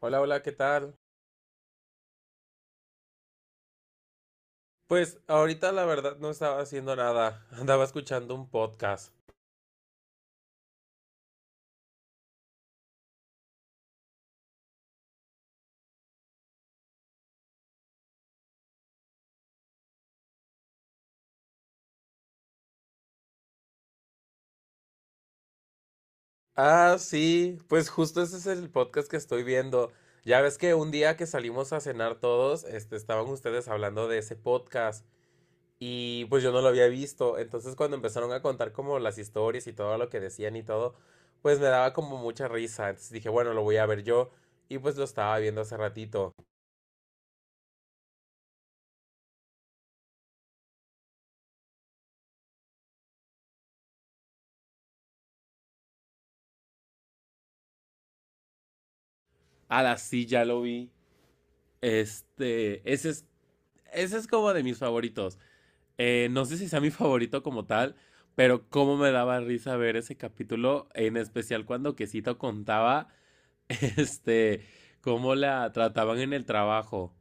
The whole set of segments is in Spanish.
Hola, hola, ¿qué tal? Pues ahorita la verdad no estaba haciendo nada, andaba escuchando un podcast. Ah, sí, pues justo ese es el podcast que estoy viendo. Ya ves que un día que salimos a cenar todos, este, estaban ustedes hablando de ese podcast y pues yo no lo había visto. Entonces cuando empezaron a contar como las historias y todo lo que decían y todo, pues me daba como mucha risa. Entonces dije, bueno, lo voy a ver yo y pues lo estaba viendo hace ratito. A sí, ya lo vi. Este, ese es como de mis favoritos. No sé si sea mi favorito como tal, pero cómo me daba risa ver ese capítulo, en especial cuando Quesito contaba, este, cómo la trataban en el trabajo.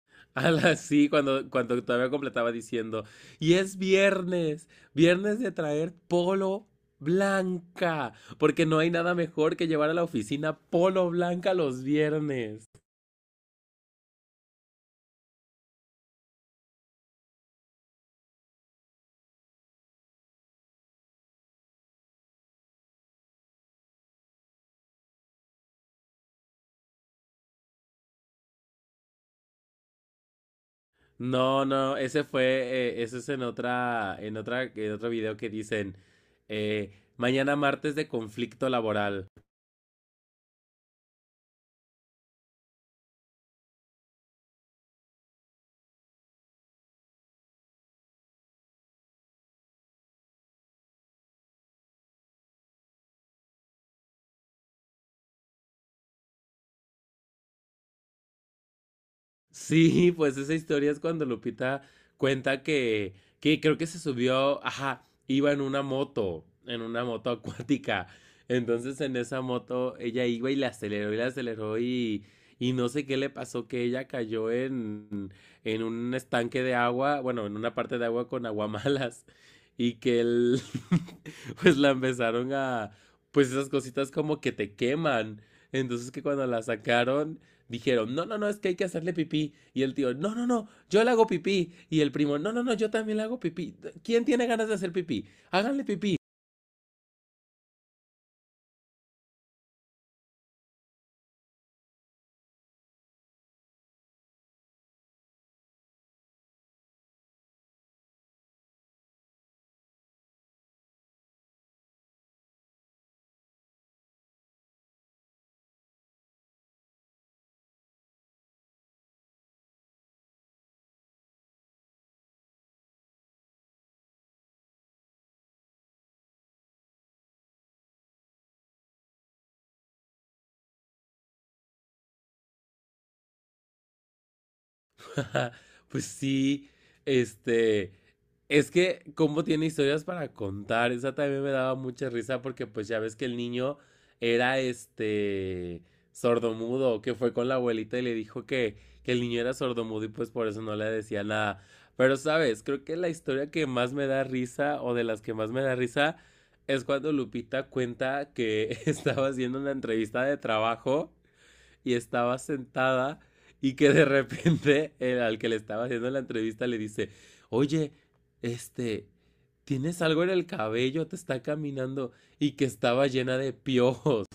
A la- Sí, cuando todavía completaba diciendo, y es viernes, viernes de traer polo blanca, porque no hay nada mejor que llevar a la oficina polo blanca los viernes. No, no, ese fue, ese es en en otro video que dicen, eh, mañana martes de conflicto laboral. Sí, pues esa historia es cuando Lupita cuenta que creo que se subió, ajá, iba en una moto acuática. Entonces en esa moto ella iba y la aceleró y la aceleró y no sé qué le pasó, que ella cayó en un estanque de agua, bueno, en una parte de agua con aguamalas y que él, pues la empezaron a, pues esas cositas como que te queman. Entonces que cuando la sacaron dijeron, no, no, no, es que hay que hacerle pipí. Y el tío, no, no, no, yo le hago pipí. Y el primo, no, no, no, yo también le hago pipí. ¿Quién tiene ganas de hacer pipí? Háganle pipí. Pues sí, este, es que como tiene historias para contar, esa también me daba mucha risa porque pues ya ves que el niño era este sordomudo, que fue con la abuelita y le dijo que el niño era sordomudo y pues por eso no le decía nada. Pero sabes, creo que la historia que más me da risa o de las que más me da risa es cuando Lupita cuenta que estaba haciendo una entrevista de trabajo y estaba sentada y que de repente el al que le estaba haciendo la entrevista le dice, oye, este, tienes algo en el cabello, te está caminando y que estaba llena de piojos.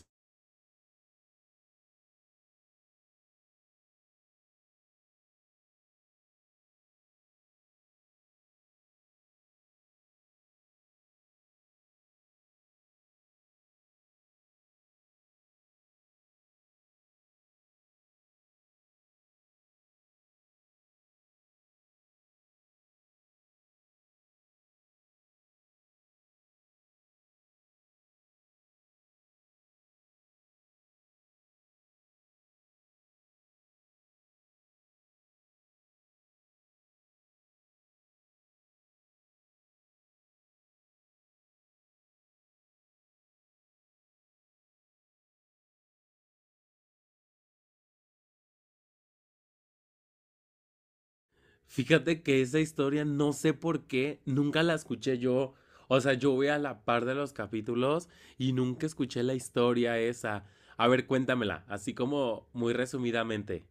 Fíjate que esa historia no sé por qué, nunca la escuché yo. O sea, yo voy a la par de los capítulos y nunca escuché la historia esa. A ver, cuéntamela, así como muy resumidamente.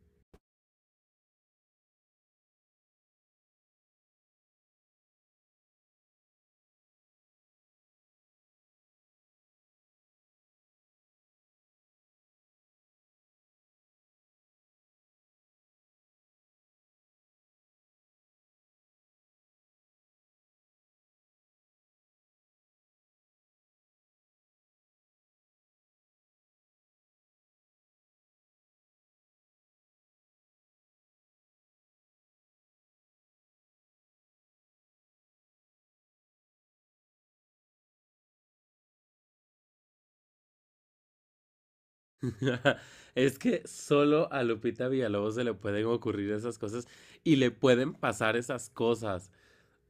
Es que solo a Lupita Villalobos se le pueden ocurrir esas cosas y le pueden pasar esas cosas.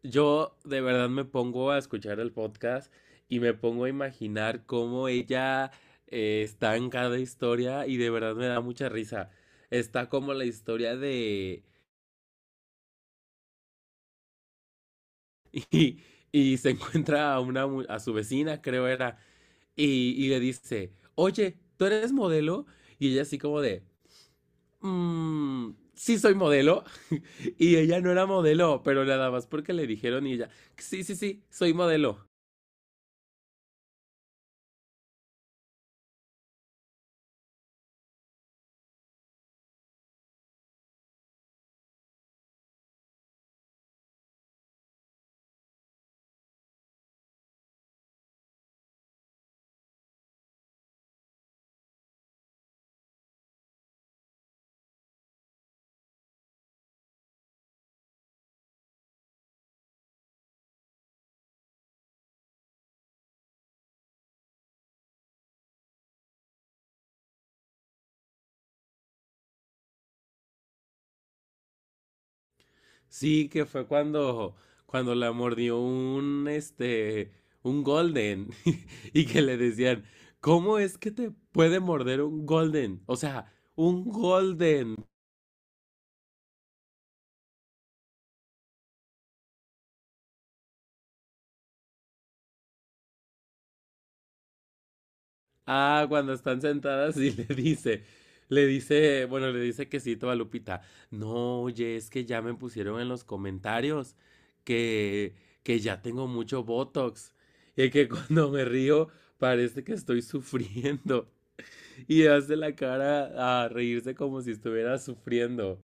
Yo de verdad me pongo a escuchar el podcast y me pongo a imaginar cómo ella está en cada historia y de verdad me da mucha risa. Está como la historia de... Y, y se encuentra a, una, mu- a su vecina, creo era, y le dice, oye, ¿tú eres modelo? Y ella así como de, mm, sí soy modelo. Y ella no era modelo, pero nada más porque le dijeron y ella, sí, sí, sí, soy modelo. Sí, que fue cuando, cuando la mordió un, este, un golden y que le decían, ¿cómo es que te puede morder un golden? O sea, un golden. Ah, cuando están sentadas y le dice, bueno, le dice quesito a Lupita. No, oye, es que ya me pusieron en los comentarios que, que ya tengo mucho Botox y que cuando me río parece que estoy sufriendo y hace la cara a reírse como si estuviera sufriendo.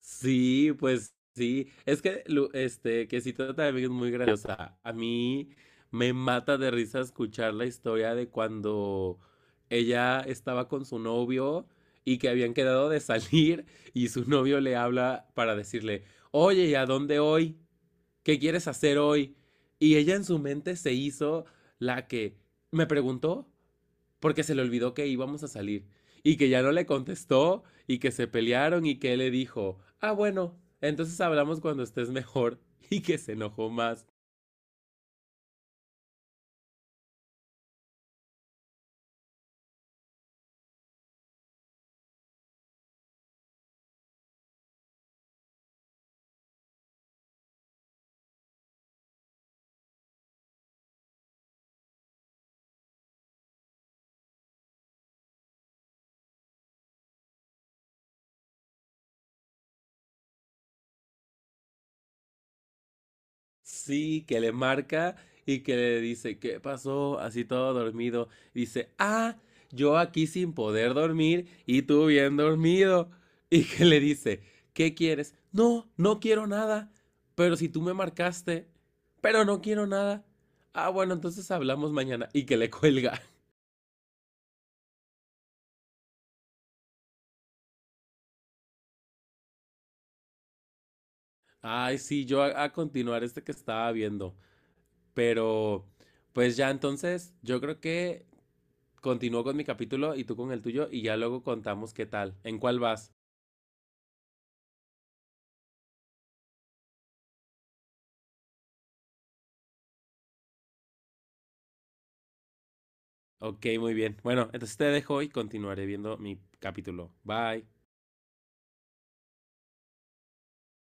Sí, pues sí. Es que Lu- este, Quesito también es muy graciosa. A mí me mata de risa escuchar la historia de cuando ella estaba con su novio y que habían quedado de salir y su novio le habla para decirle, oye, ¿y a dónde hoy? ¿Qué quieres hacer hoy? Y ella en su mente se hizo la que me preguntó, porque se le olvidó que íbamos a salir y que ya no le contestó y que se pelearon y que él le dijo, ah, bueno, entonces hablamos cuando estés mejor y que se enojó más. Sí, que le marca y que le dice, ¿qué pasó? Así todo dormido. Dice, ah, yo aquí sin poder dormir y tú bien dormido. Y que le dice, ¿qué quieres? No, no quiero nada. Pero si tú me marcaste, pero no quiero nada. Ah, bueno, entonces hablamos mañana. Y que le cuelga. Ay, sí, yo a continuar este que estaba viendo. Pero, pues ya entonces, yo creo que continúo con mi capítulo y tú con el tuyo y ya luego contamos qué tal, en cuál vas. Ok, muy bien. Bueno, entonces te dejo y continuaré viendo mi capítulo. Bye.